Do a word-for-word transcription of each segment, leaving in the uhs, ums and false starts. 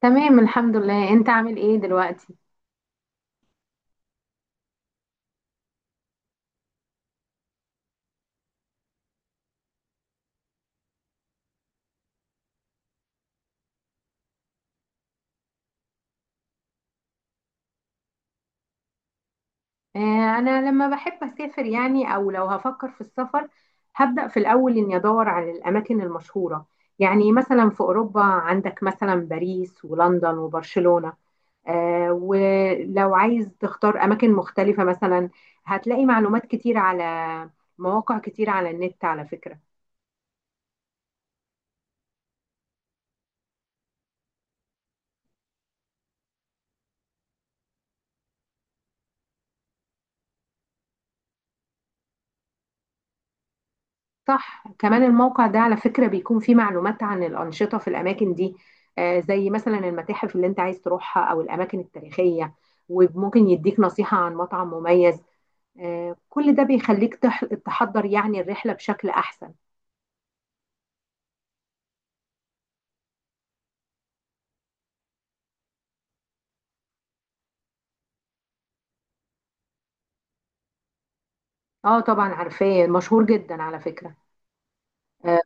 تمام الحمد لله، انت عامل ايه دلوقتي؟ آه انا لما بحب اسافر يعني او لو هفكر في السفر، هبدأ في الاول اني ادور على الاماكن المشهورة. يعني مثلا في اوروبا عندك مثلا باريس ولندن وبرشلونة. آه، ولو عايز تختار اماكن مختلفة مثلا هتلاقي معلومات كتير على مواقع كتير على النت على فكرة. صح، كمان الموقع ده على فكرة بيكون فيه معلومات عن الأنشطة في الأماكن دي، آه، زي مثلا المتاحف اللي أنت عايز تروحها أو الأماكن التاريخية، وممكن يديك نصيحة عن مطعم مميز. آه، كل ده بيخليك تح- تحضر يعني الرحلة بشكل أحسن. اه طبعا عارفاه، مشهور جدا على فكرة. آه،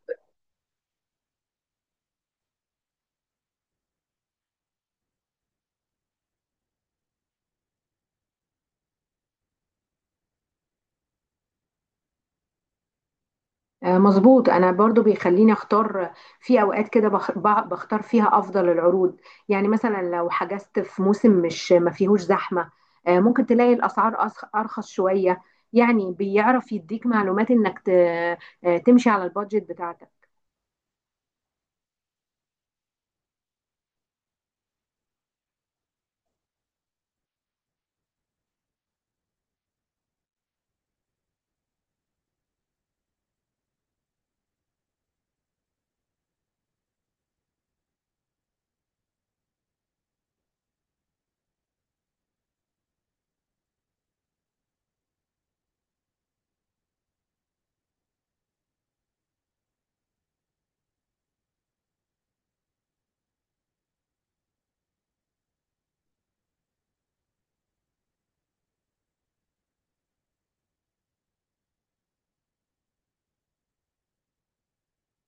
آه، مظبوط، انا برضو بيخليني اختار في اوقات كده، بخ- ب- بختار فيها افضل العروض. يعني مثلا لو حجزت في موسم مش ما فيهوش زحمة، آه، ممكن تلاقي الاسعار أس- ارخص شوية. يعني بيعرف يديك معلومات انك ت- آه، تمشي على البادجت بتاعتك.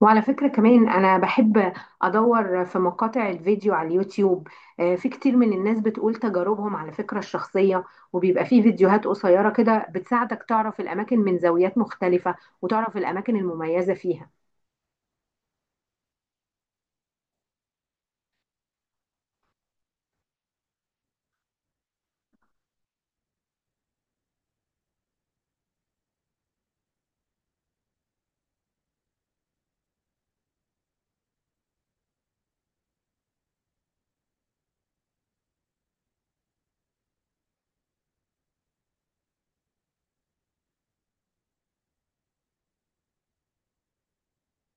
وعلى فكرة كمان أنا بحب أدور في مقاطع الفيديو على اليوتيوب. آه، في كتير من الناس بتقول تجاربهم على فكرة الشخصية، وبيبقى في فيديوهات قصيرة كده بتساعدك تعرف الأماكن من زاويات مختلفة وتعرف الأماكن المميزة فيها.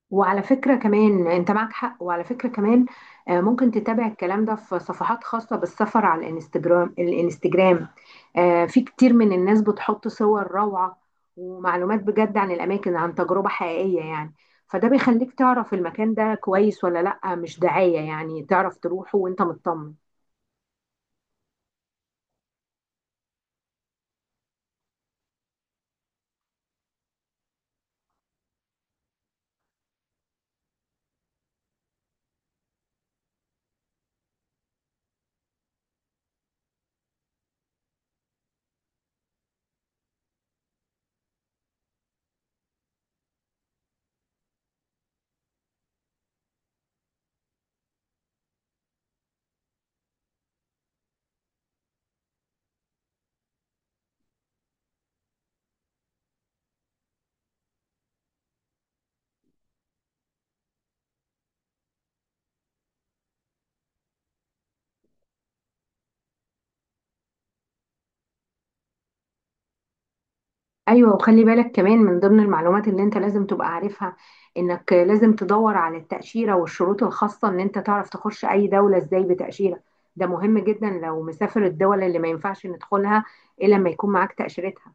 وعلى فكرة كمان انت معك حق، وعلى فكرة كمان آه، ممكن تتابع الكلام ده في صفحات خاصة بالسفر على الانستجرام. الانستجرام آه، في كتير من الناس بتحط صور روعة ومعلومات بجد عن الأماكن، عن تجربة حقيقية يعني. فده بيخليك تعرف المكان ده كويس ولا لأ، مش دعاية، يعني تعرف تروحه وانت مطمن. ايوه، وخلي بالك كمان من ضمن المعلومات اللي انت لازم تبقى عارفها، انك لازم تدور على التأشيرة والشروط الخاصة ان انت تعرف تخش اي دولة ازاي بتأشيرة. ده مهم جدا لو مسافر الدول اللي ما ينفعش ندخلها الا لما يكون معاك تأشيرتها.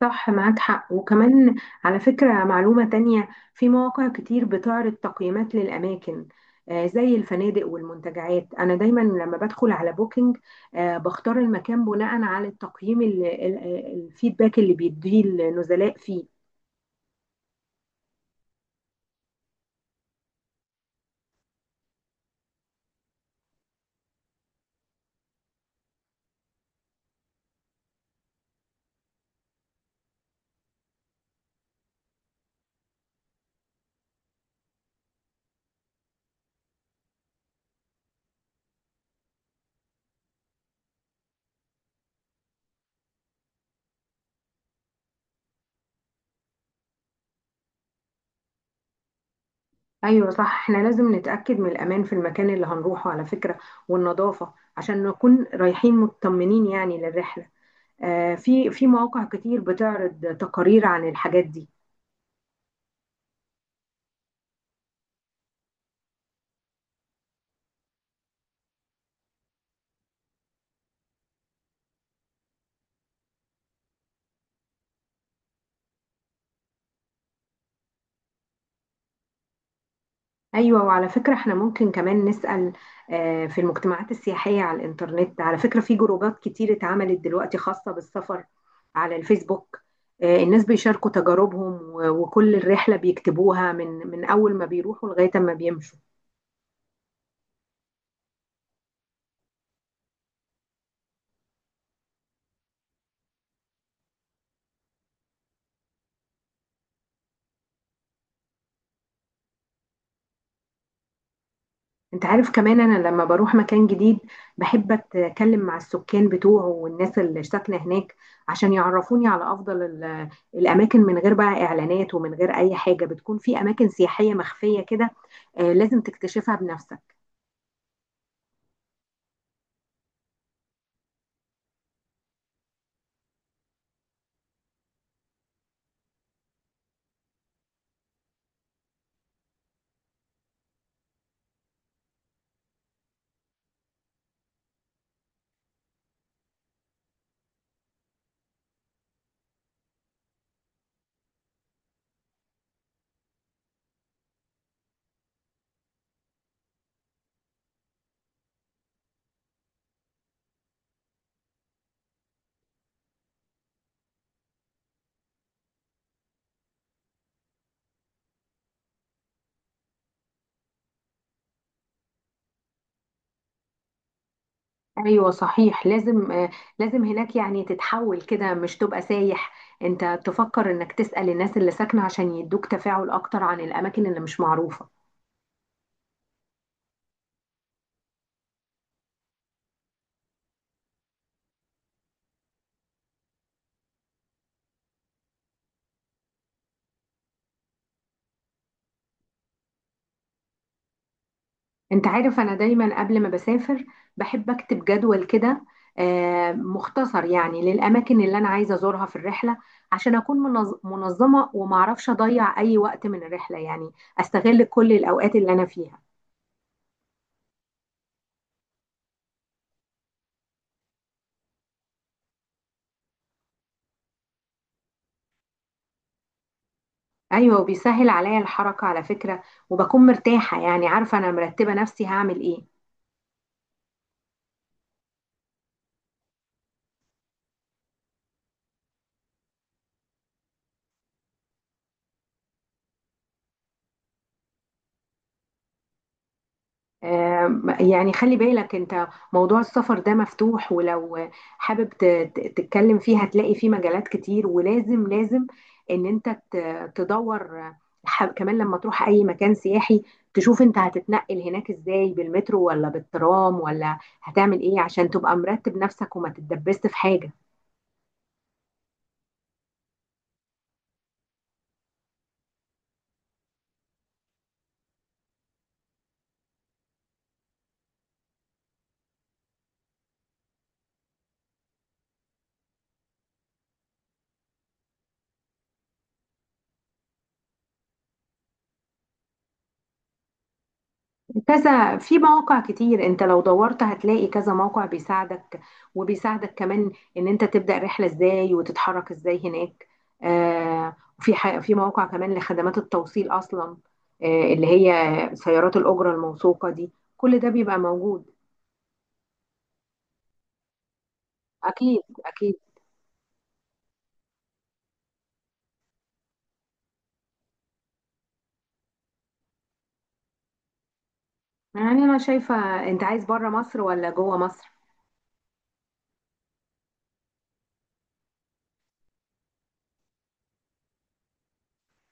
صح، معاك حق، وكمان على فكرة معلومة تانية، في مواقع كتير بتعرض تقييمات للأماكن، آه، زي الفنادق والمنتجعات. أنا دايما لما بدخل على بوكينج، آه، بختار المكان بناء على التقييم ال- ال- الفيدباك اللي بيديه النزلاء فيه. أيوة صح، احنا لازم نتأكد من الأمان في المكان اللي هنروحه على فكرة، والنظافة، عشان نكون رايحين مطمنين يعني للرحلة. آه، في في مواقع كتير بتعرض تقارير عن الحاجات دي. ايوه، وعلى فكره احنا ممكن كمان نسال، آه، في المجتمعات السياحيه على الانترنت. على فكره في جروبات كتير اتعملت دلوقتي خاصه بالسفر على الفيسبوك. آه، الناس بيشاركوا تجاربهم و- وكل الرحله بيكتبوها من من اول ما بيروحوا لغايه ما بيمشوا. انت عارف كمان، انا لما بروح مكان جديد بحب اتكلم مع السكان بتوعه والناس اللي ساكنه هناك عشان يعرفوني على افضل ال- الاماكن، من غير بقى اعلانات ومن غير اي حاجه. بتكون في اماكن سياحيه مخفيه كده، آه، لازم تكتشفها بنفسك. ايوه صحيح، لازم آه، لازم هناك يعني تتحول كده مش تبقى سايح. انت تفكر انك تسأل الناس اللي ساكنه عشان يدوك تفاعل اكتر عن الاماكن اللي مش معروفه. انت عارف انا دايما قبل ما بسافر بحب اكتب جدول كده، آه، مختصر يعني للاماكن اللي انا عايزه ازورها في الرحله، عشان اكون منظ- منظمه وما اعرفش اضيع اي وقت من الرحله، يعني استغل كل الاوقات اللي انا فيها. ايوه، وبيسهل عليا الحركه على فكره، وبكون مرتاحه يعني، عارفه انا مرتبه نفسي هعمل ايه. آم، يعني خلي بالك انت، موضوع السفر ده مفتوح، ولو حابب ت- ت- تتكلم فيه هتلاقي فيه مجالات كتير. ولازم لازم ان انت ت- تدور. ح- كمان لما تروح اي مكان سياحي، تشوف انت هتتنقل هناك ازاي، بالمترو ولا بالترام ولا هتعمل ايه، عشان تبقى مرتب نفسك وما تتدبست في حاجة. كذا في مواقع كتير، انت لو دورت هتلاقي كذا موقع بيساعدك، وبيساعدك كمان ان انت تبدأ رحلة ازاي وتتحرك ازاي هناك. آه، في ح- في مواقع كمان لخدمات التوصيل اصلا، آه، اللي هي سيارات الأجرة الموثوقة دي، كل ده بيبقى موجود. اكيد، اكيد. يعني انا شايفة، انت عايز بره مصر ولا جوه مصر؟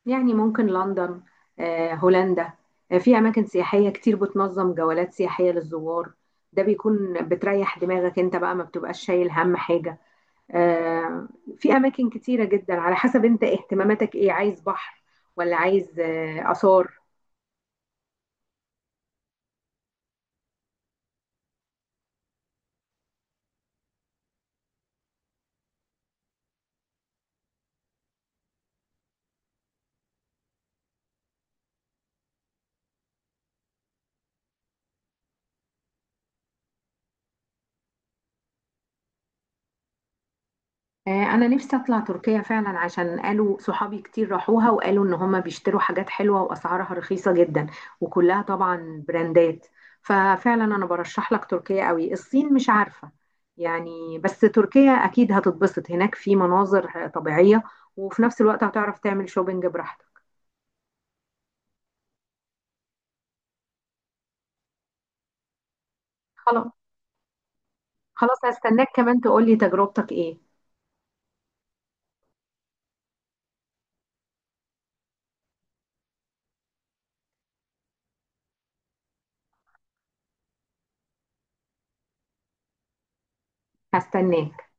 يعني ممكن لندن، آه، هولندا، آه، في أماكن سياحية كتير بتنظم جولات سياحية للزوار. ده بيكون بتريح دماغك انت بقى، ما بتبقاش شايل هم حاجة. آه، في أماكن كتيرة جدا على حسب انت اهتماماتك ايه، عايز بحر ولا عايز آه، آثار. آه، انا نفسي اطلع تركيا فعلا، عشان قالوا صحابي كتير راحوها وقالوا ان هم بيشتروا حاجات حلوة واسعارها رخيصة جدا، وكلها طبعا براندات. ففعلا انا برشح لك تركيا قوي. الصين مش عارفة يعني، بس تركيا اكيد هتتبسط هناك في مناظر طبيعية، وفي نفس الوقت هتعرف تعمل شوبينج براحتك. خلاص، خلاص هستناك كمان تقولي تجربتك ايه. هستناك.